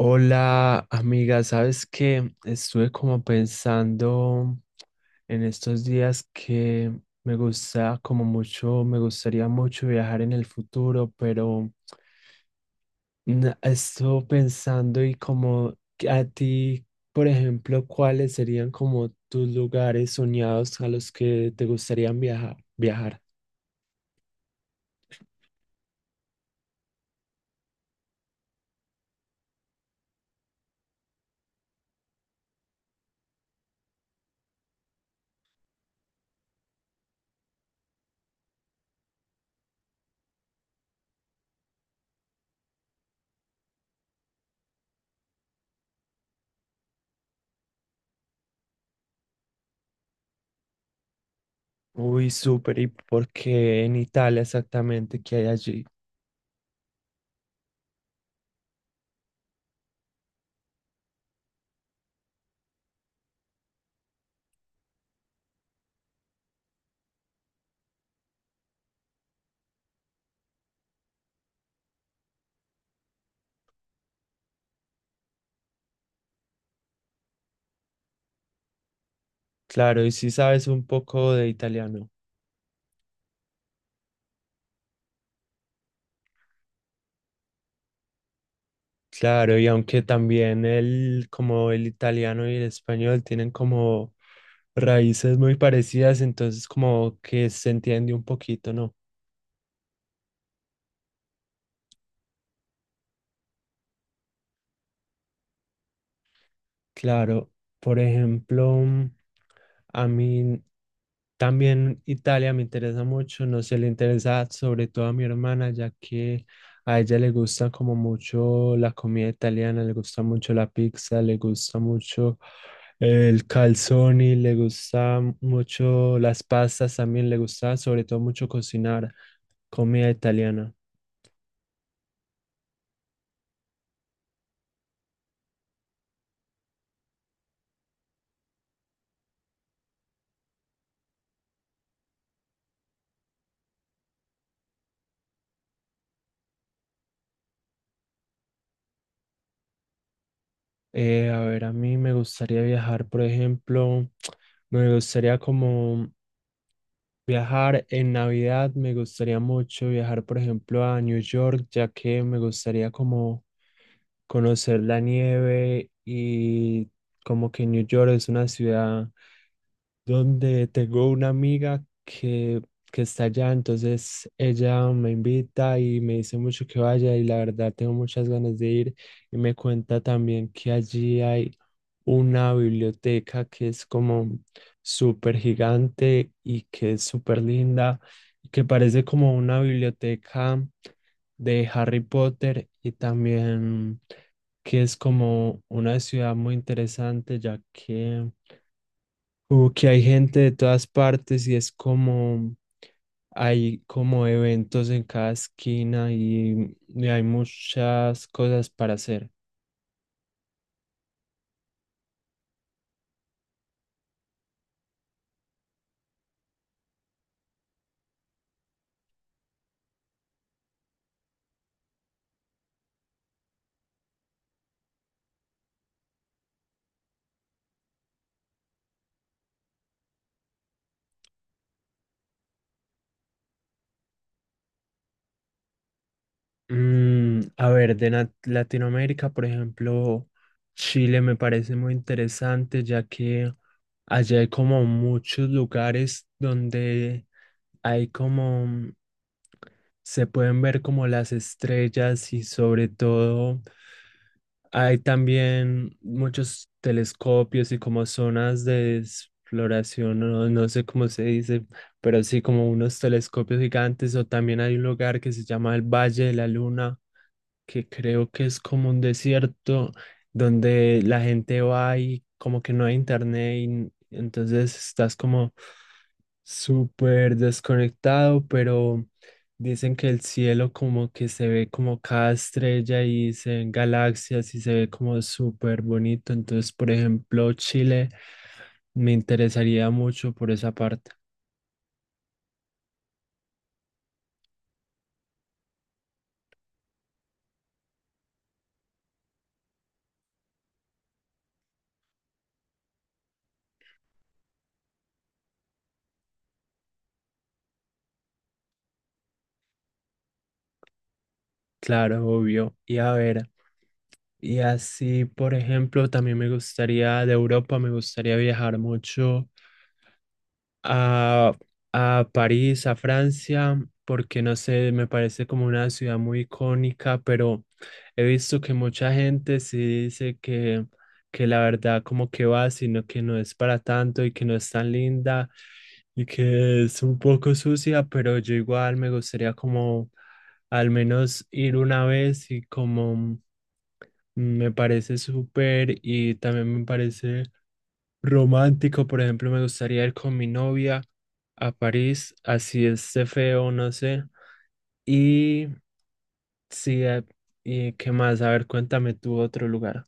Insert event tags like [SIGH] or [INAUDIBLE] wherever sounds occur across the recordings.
Hola amiga, sabes que estuve como pensando en estos días que me gusta como mucho, me gustaría mucho viajar en el futuro, pero estuve pensando y como que a ti, por ejemplo, ¿cuáles serían como tus lugares soñados a los que te gustaría viajar? Viajar. Uy, súper, ¿y por qué en Italia exactamente? ¿Qué hay allí? Claro, ¿y si sabes un poco de italiano? Claro, y aunque también el, como el italiano y el español tienen como raíces muy parecidas, entonces como que se entiende un poquito, ¿no? Claro, por ejemplo, a mí también Italia me interesa mucho, no sé, le interesa sobre todo a mi hermana, ya que a ella le gusta como mucho la comida italiana, le gusta mucho la pizza, le gusta mucho el calzoni, le gusta mucho las pastas también, le gusta sobre todo mucho cocinar comida italiana. A ver, a mí me gustaría viajar, por ejemplo, [TSK] me gustaría como viajar en Navidad, me gustaría mucho viajar, por ejemplo, a New York, ya que me gustaría como conocer la nieve y como que New York es una ciudad donde tengo una amiga que está allá, entonces ella me invita y me dice mucho que vaya y la verdad tengo muchas ganas de ir y me cuenta también que allí hay una biblioteca que es como súper gigante y que es súper linda y que parece como una biblioteca de Harry Potter y también que es como una ciudad muy interesante ya que como que hay gente de todas partes y es como, hay como eventos en cada esquina y hay muchas cosas para hacer. Mm, a ver, de Latinoamérica, por ejemplo, Chile me parece muy interesante, ya que allá hay como muchos lugares donde hay como, se pueden ver como las estrellas y sobre todo... Hay también muchos telescopios y como zonas de exploración, no, no sé cómo se dice, pero sí como unos telescopios gigantes o también hay un lugar que se llama el Valle de la Luna, que creo que es como un desierto donde la gente va y como que no hay internet entonces estás como súper desconectado, pero dicen que el cielo como que se ve como cada estrella y se ven galaxias y se ve como súper bonito. Entonces, por ejemplo, Chile me interesaría mucho por esa parte. Claro, obvio. Y a ver, y así, por ejemplo, también me gustaría de Europa, me gustaría viajar mucho a, a París, a Francia, porque no sé, me parece como una ciudad muy icónica, pero he visto que mucha gente sí dice que la verdad como que va, sino que no es para tanto y que no es tan linda y que es un poco sucia, pero yo igual me gustaría como al menos ir una vez y como me parece súper y también me parece... Romántico, por ejemplo, me gustaría ir con mi novia a París, así esté feo, no sé. Y sí, y qué más, a ver, cuéntame tú otro lugar.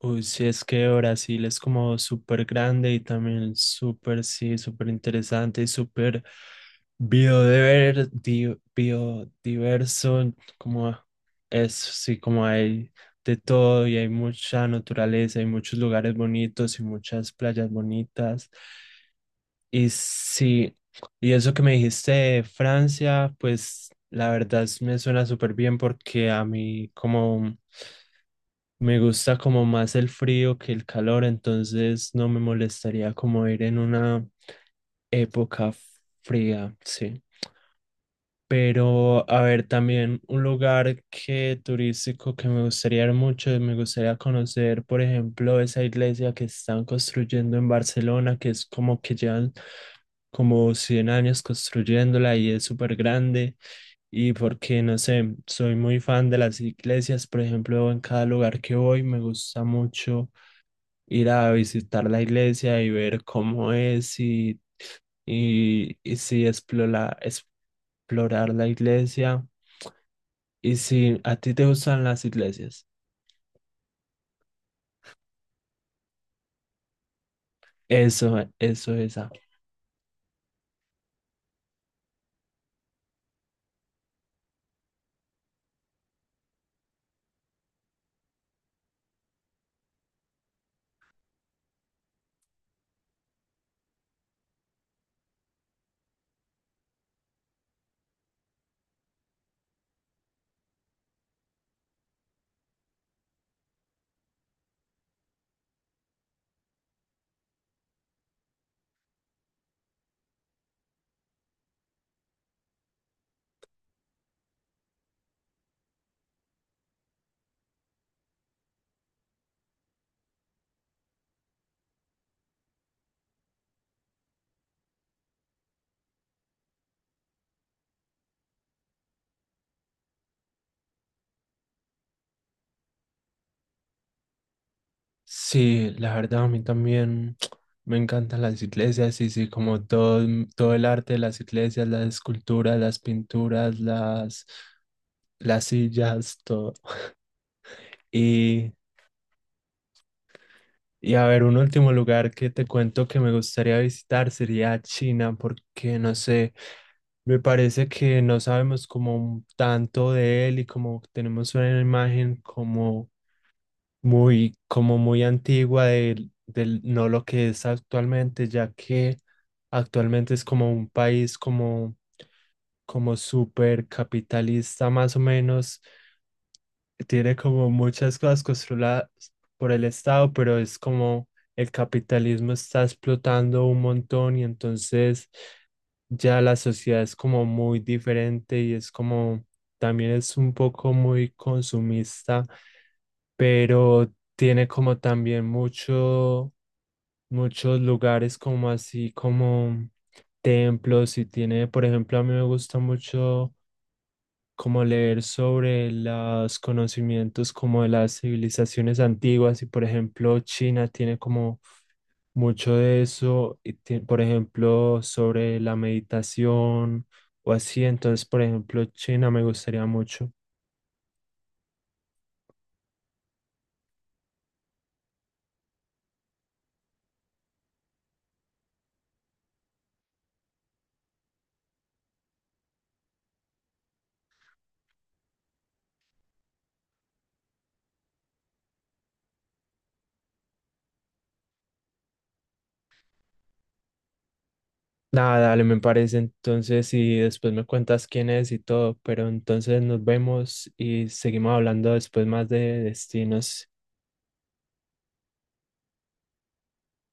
Uy, sí, es que Brasil es como súper grande y también súper, sí, súper interesante y súper biodiverso, como es, sí, como hay de todo y hay mucha naturaleza, hay muchos lugares bonitos y muchas playas bonitas. Y sí, y eso que me dijiste de Francia, pues la verdad me suena súper bien porque a mí como me gusta como más el frío que el calor, entonces no me molestaría como ir en una época fría, sí. Pero, a ver, también un lugar que turístico que me gustaría ir mucho, me gustaría conocer, por ejemplo, esa iglesia que están construyendo en Barcelona, que es como que llevan como 100 años construyéndola y es súper grande. Y porque, no sé, soy muy fan de las iglesias, por ejemplo, en cada lugar que voy me gusta mucho ir a visitar la iglesia y ver cómo es y sí, explorar, explorar la iglesia. Y si a ti te gustan las iglesias, eso, esa. Sí, la verdad, a mí también [TSK] me encantan las iglesias y sí, como todo, todo el arte de las iglesias, las esculturas, las pinturas, las sillas, todo. Y, y a ver, un último lugar que te cuento que me gustaría visitar sería China, porque no sé, me parece que no sabemos como tanto de él y como tenemos una imagen como muy antigua del no lo que es actualmente, ya que actualmente es como un país como, como súper capitalista más o menos, tiene como muchas cosas controladas por el Estado, pero es como el capitalismo está explotando un montón y entonces ya la sociedad es como muy diferente y es como también es un poco muy consumista, pero tiene como también mucho, muchos lugares como así como templos y tiene, por ejemplo, a mí me gusta mucho como leer sobre los conocimientos como de las civilizaciones antiguas y por ejemplo China tiene como mucho de eso, por ejemplo sobre la meditación o así, entonces por ejemplo China me gustaría mucho. Nada, dale, me parece entonces y después me cuentas quién es y todo, pero entonces nos vemos y seguimos hablando después más de destinos.